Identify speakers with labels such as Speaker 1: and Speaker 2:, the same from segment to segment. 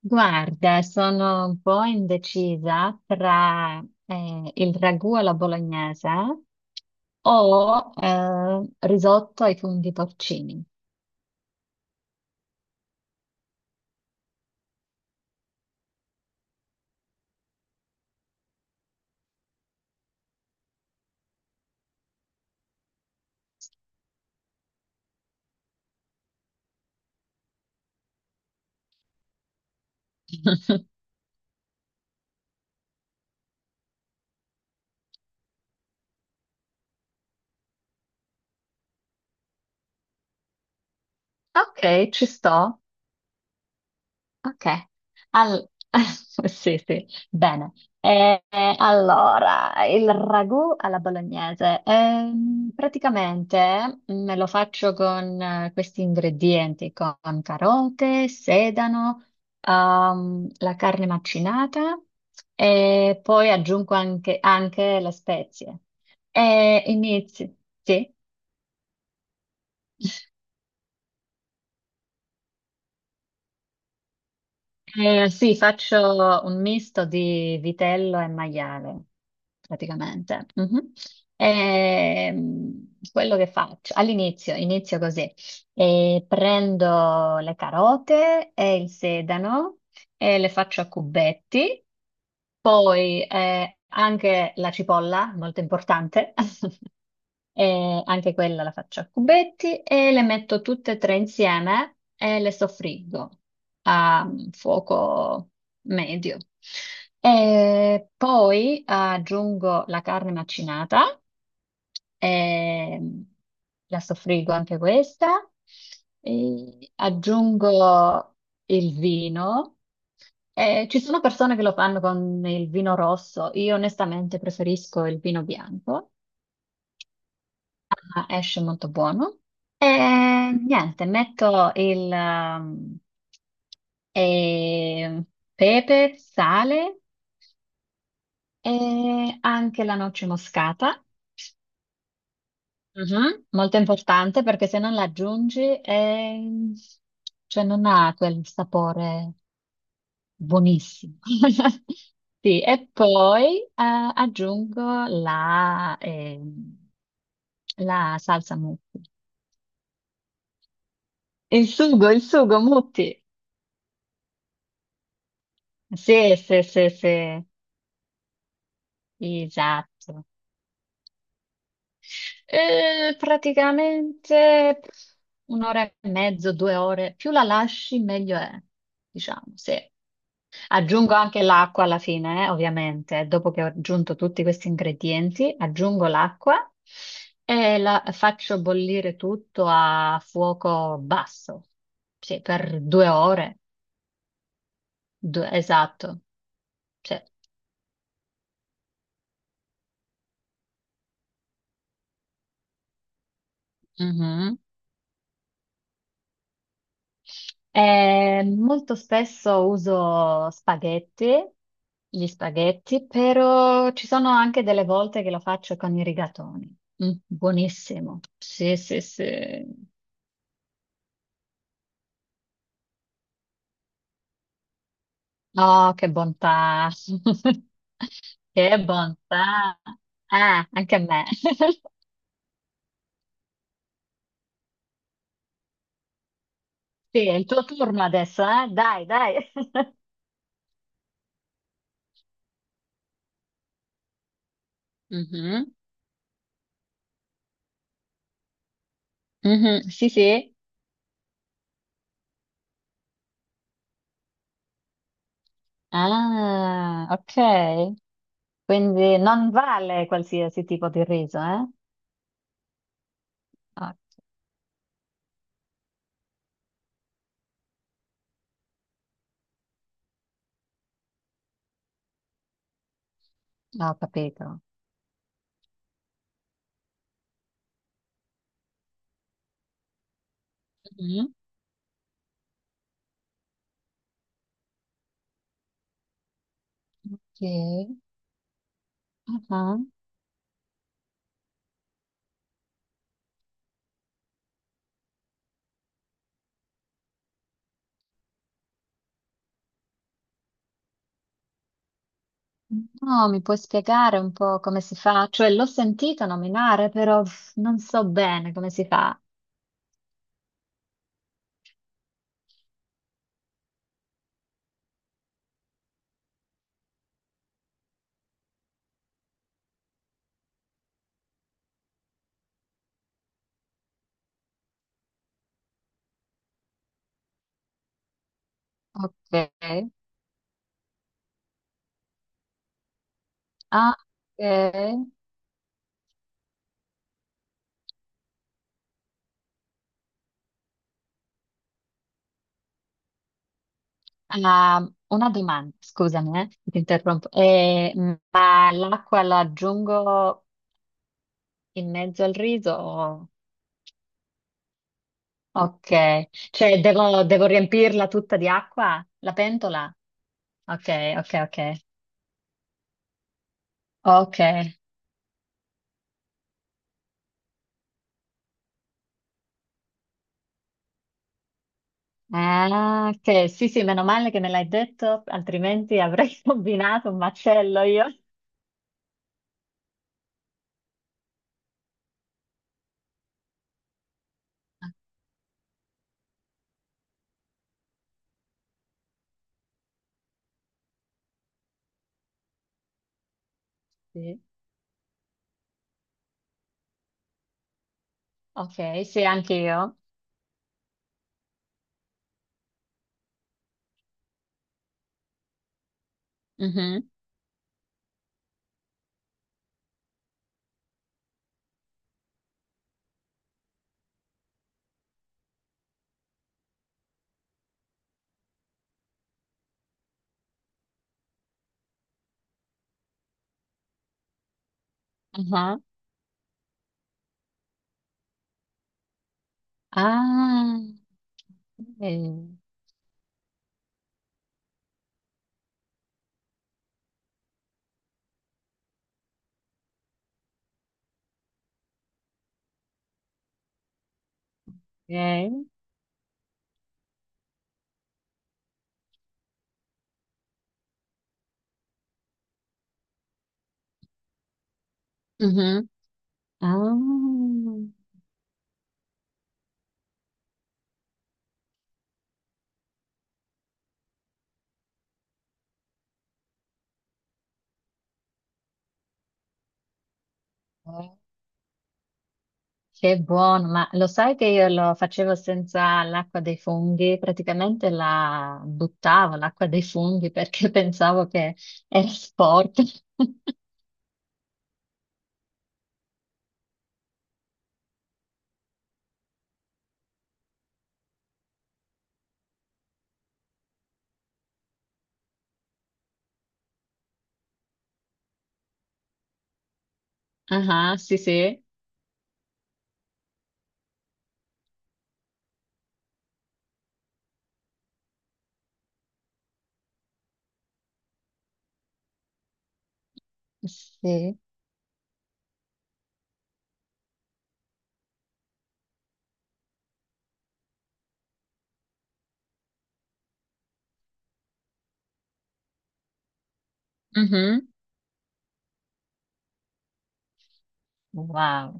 Speaker 1: Guarda, sono un po' indecisa tra il ragù alla bolognese o risotto ai funghi porcini. Ok, ci sto. Ok. Al- sì, sì, bene. Allora, il ragù alla bolognese. Praticamente me lo faccio con questi ingredienti, con carote, sedano, la carne macinata e poi aggiungo anche, anche le spezie. E inizi, sì? Sì, faccio un misto di vitello e maiale, praticamente. Mhm. Quello che faccio all'inizio, inizio così. Prendo le carote e il sedano e le faccio a cubetti, poi anche la cipolla, molto importante. E anche quella la faccio a cubetti e le metto tutte e tre insieme e le soffriggo a fuoco medio. E poi aggiungo la carne macinata e la soffriggo anche questa. E aggiungo il vino. Ci sono persone che lo fanno con il vino rosso, io onestamente preferisco il vino bianco. Ah, esce molto buono. E niente, metto il e pepe, sale e anche la noce moscata. Mhm. Molto importante perché se non la aggiungi cioè non ha quel sapore buonissimo. Sì, e poi aggiungo la, la salsa Mutti. Il sugo Mutti. Sì, sì, sì, sì, esatto. Praticamente un'ora e mezzo, due ore, più la lasci meglio è, diciamo, sì. Aggiungo anche l'acqua alla fine, ovviamente, dopo che ho aggiunto tutti questi ingredienti, aggiungo l'acqua e la faccio bollire tutto a fuoco basso, sì, per due ore. Esatto, sì. Mhm. Molto spesso uso spaghetti, gli spaghetti, però ci sono anche delle volte che lo faccio con i rigatoni. Mm, buonissimo. Sì, sì, sì. Oh, che bontà. Che bontà. Ah, anche a me. Sì, è il tuo turno adesso, eh? Dai, dai. Mhm, mhm. Sì, sì. Ah, ok. Quindi non vale qualsiasi tipo di riso, eh? Ah, ho capito. Mhm. Sì. Ah, no, mi puoi spiegare un po' come si fa? Cioè, l'ho sentito nominare, però pff, non so bene come si fa. Ok. Ah, ok. Ah, una domanda, scusami, ti interrompo. Ma l'acqua la aggiungo in mezzo al riso? Ok. Cioè, devo, devo riempirla tutta di acqua? La pentola? Ok, ok, ok. Ok. Ah, ok, sì, sì, meno male che me l'hai detto, altrimenti avrei combinato un macello io. Ah, sì. Ok, sì, anche io. Mhm, aha. Ah, ok. Ok. Mhm. Ah, ok, che buono, ma lo sai che io lo facevo senza l'acqua dei funghi? Praticamente la buttavo l'acqua dei funghi perché pensavo che era sporca. Ah, sì, sì. Sì. Mhm. Wow.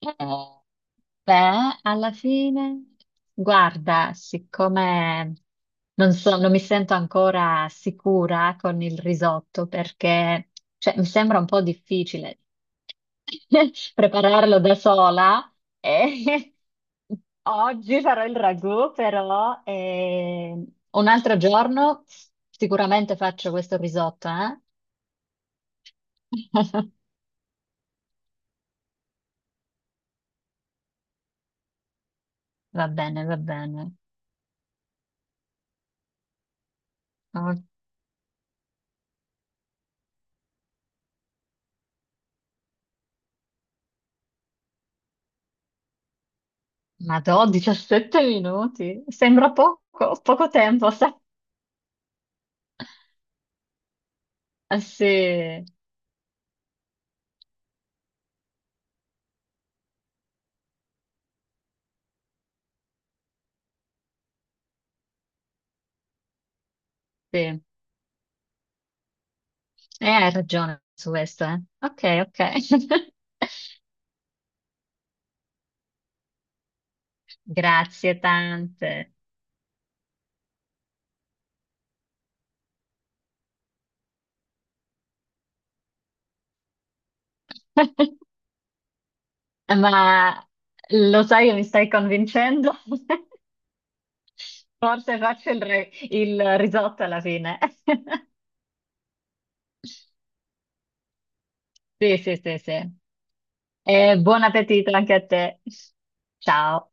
Speaker 1: Eh, Beh, alla fine, guarda, siccome non so, non mi sento ancora sicura con il risotto perché cioè, mi sembra un po' difficile prepararlo da sola. E oggi farò il ragù, però un altro giorno sicuramente faccio questo risotto, eh? Va bene, va bene. Ok. Madò, 17 minuti, sembra poco, poco tempo, sai? Ah, sì, sì, hai ragione su questo, eh. Ok, ok. Grazie tante. Ma lo sai che mi stai convincendo? Forse faccio il, il risotto alla fine. Sì, sì, sì, sì. E buon appetito anche a te. Ciao.